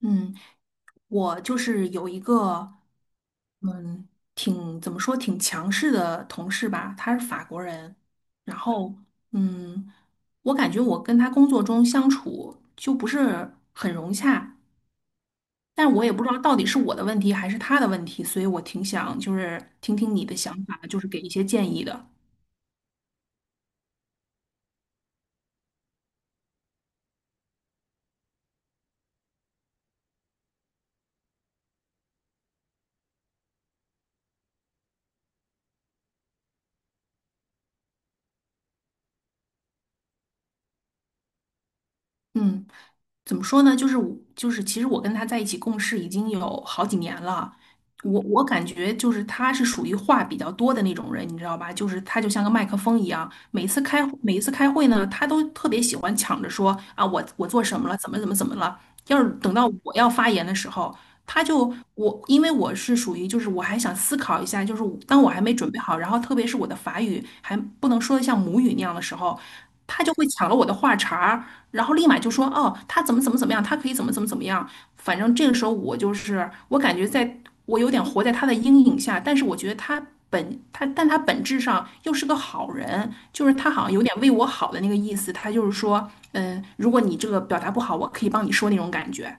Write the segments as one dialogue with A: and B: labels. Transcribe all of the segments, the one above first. A: 嗯，我就是有一个，嗯，挺怎么说挺强势的同事吧，他是法国人，然后嗯，我感觉我跟他工作中相处就不是很融洽，但我也不知道到底是我的问题还是他的问题，所以我挺想就是听听你的想法，就是给一些建议的。嗯，怎么说呢？就是我，其实我跟他在一起共事已经有好几年了。我感觉就是他是属于话比较多的那种人，你知道吧？就是他就像个麦克风一样，每一次开会呢，他都特别喜欢抢着说啊，我做什么了，怎么怎么怎么了。要是等到我要发言的时候，他就我，因为我是属于就是我还想思考一下，就是当我还没准备好，然后特别是我的法语还不能说的像母语那样的时候，他就会抢了我的话茬儿，然后立马就说哦，他怎么怎么怎么样，他可以怎么怎么怎么样。反正这个时候我就是我感觉在我有点活在他的阴影下，但是我觉得他。本他，但他本质上又是个好人，就是他好像有点为我好的那个意思。他就是说，嗯，如果你这个表达不好，我可以帮你说那种感觉。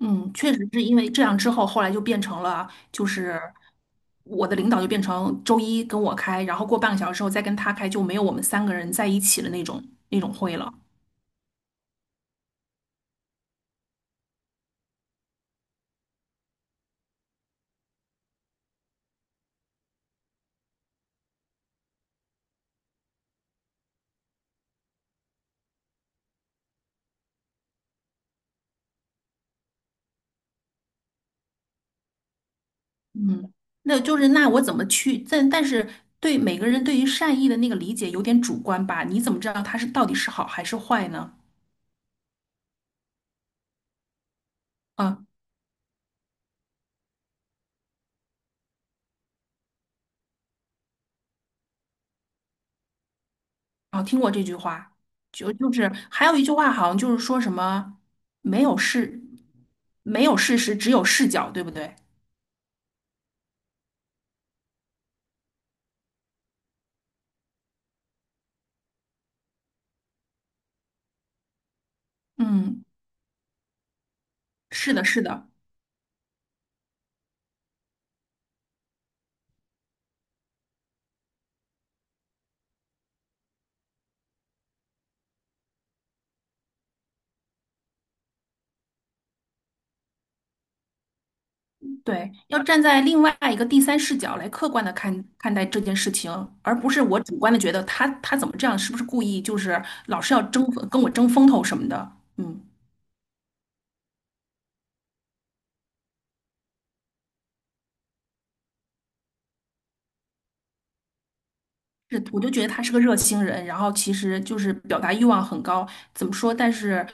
A: 嗯，确实是因为这样之后，后来就变成了，就是我的领导就变成周一跟我开，然后过半个小时之后再跟他开，就没有我们三个人在一起的那种会了。嗯，那就是那我怎么去？但但是对每个人对于善意的那个理解有点主观吧？你怎么知道他是到底是好还是坏呢？啊啊，听过这句话，就就是还有一句话好像就是说什么没有事，没有事实，只有视角，对不对？嗯，是的，是的。对，要站在另外一个第三视角来客观的看待这件事情，而不是我主观的觉得他怎么这样，是不是故意，就是老是要争跟我争风头什么的。嗯，是，我就觉得他是个热心人，然后其实就是表达欲望很高，怎么说？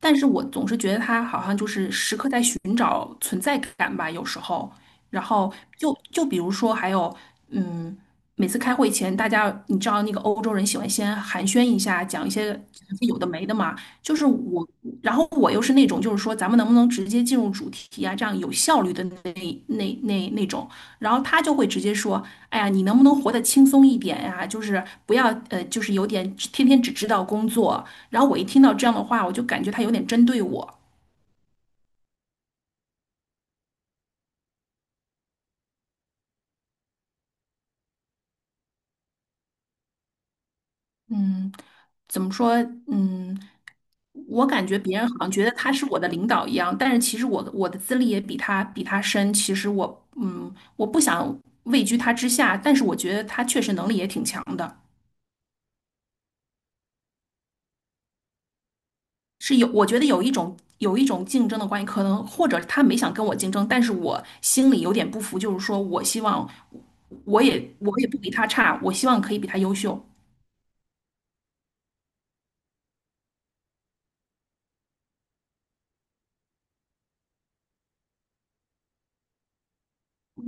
A: 但是我总是觉得他好像就是时刻在寻找存在感吧，有时候。然后就比如说还有，嗯。每次开会前，大家你知道那个欧洲人喜欢先寒暄一下，讲一些有的没的嘛。就是我，然后我又是那种，就是说咱们能不能直接进入主题啊？这样有效率的那种。然后他就会直接说：“哎呀，你能不能活得轻松一点呀、就是不要就是有点天天只知道工作。”然后我一听到这样的话，我就感觉他有点针对我。嗯，怎么说？嗯。我感觉别人好像觉得他是我的领导一样，但是其实我的资历也比他深。其实我嗯，我不想位居他之下，但是我觉得他确实能力也挺强的，是我觉得有一种竞争的关系，可能或者他没想跟我竞争，但是我心里有点不服，就是说我希望我也不比他差，我希望可以比他优秀，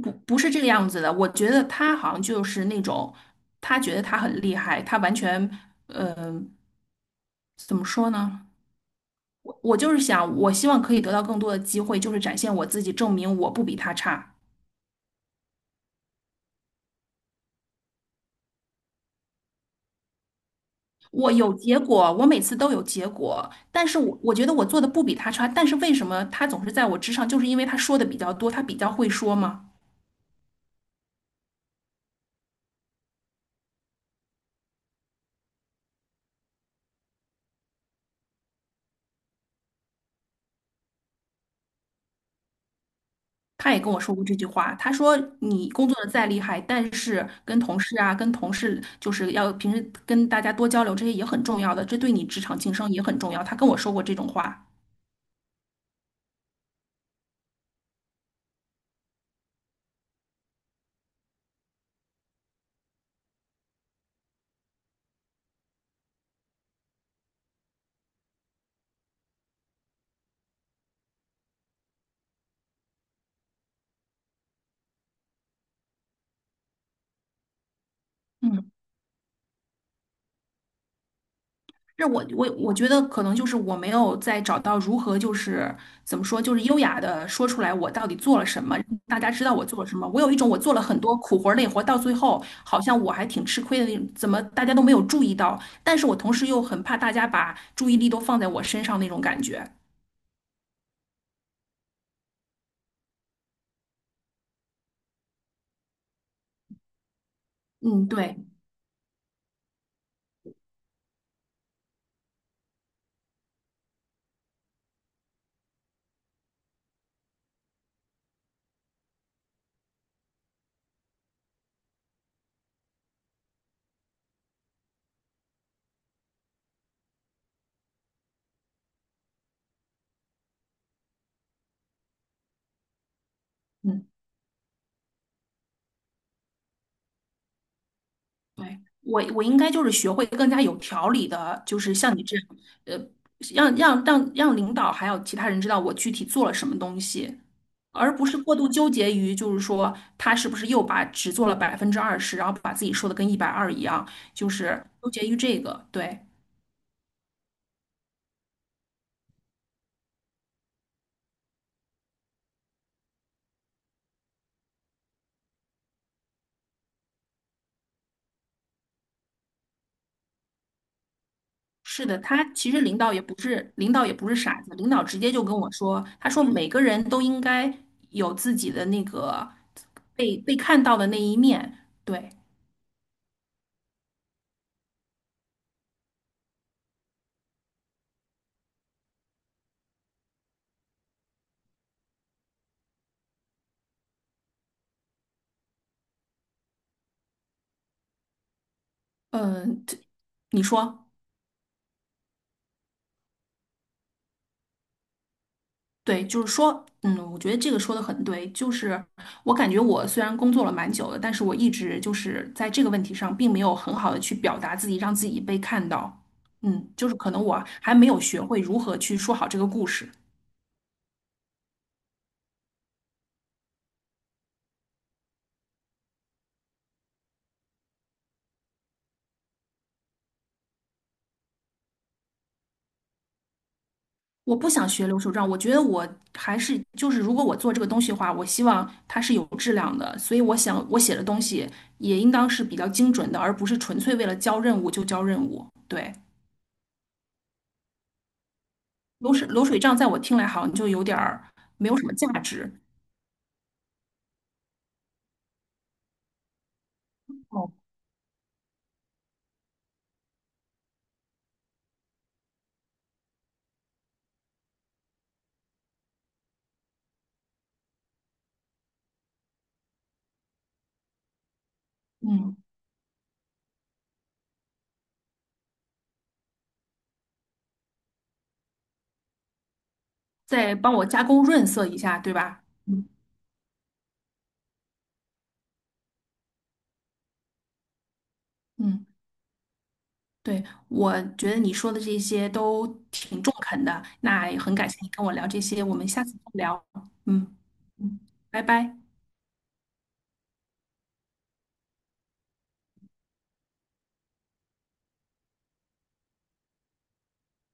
A: 不是这个样子的。我觉得他好像就是那种他觉得他很厉害，他完全嗯、呃怎么说呢？我就是想，我希望可以得到更多的机会，就是展现我自己，证明我不比他差。我有结果，我每次都有结果，但是我觉得我做的不比他差，但是为什么他总是在我之上？就是因为他说的比较多，他比较会说嘛。他也跟我说过这句话，他说你工作的再厉害，但是跟同事就是要平时跟大家多交流，这些也很重要的，这对你职场晋升也很重要。他跟我说过这种话，嗯。是我觉得可能就是我没有找到如何就是怎么说就是优雅的说出来我到底做了什么，让大家知道我做了什么。我有一种我做了很多苦活儿累活儿到最后好像我还挺吃亏的那种，怎么大家都没有注意到？但是我同时又很怕大家把注意力都放在我身上那种感觉。嗯，对，嗯，对，我应该就是学会更加有条理的，就是像你这样，呃，让领导还有其他人知道我具体做了什么东西。而不是过度纠结于，就是说他是不是又把只做了20%，然后把自己说的跟120一样，就是纠结于这个。对，是的，他其实领导也不是傻子，领导直接就跟我说，他说每个人都应该有自己的那个被看到的那一面。对，嗯、这你说。对，就是说，嗯，我觉得这个说的很对。就是我感觉我虽然工作了蛮久了，但是我一直就是在这个问题上，并没有很好的去表达自己，让自己被看到。嗯，就是可能我还没有学会如何去说好这个故事。我不想学流水账，我觉得我还是就是，如果我做这个东西的话，我希望它是有质量的。所以我想，我写的东西也应当是比较精准的，而不是纯粹为了交任务就交任务。对，流水账在我听来好像就有点儿没有什么价值。哦，嗯，再帮我加工润色一下，对吧？嗯嗯，对，我觉得你说的这些都挺中肯的，那也很感谢你跟我聊这些，我们下次再聊。嗯嗯，拜拜。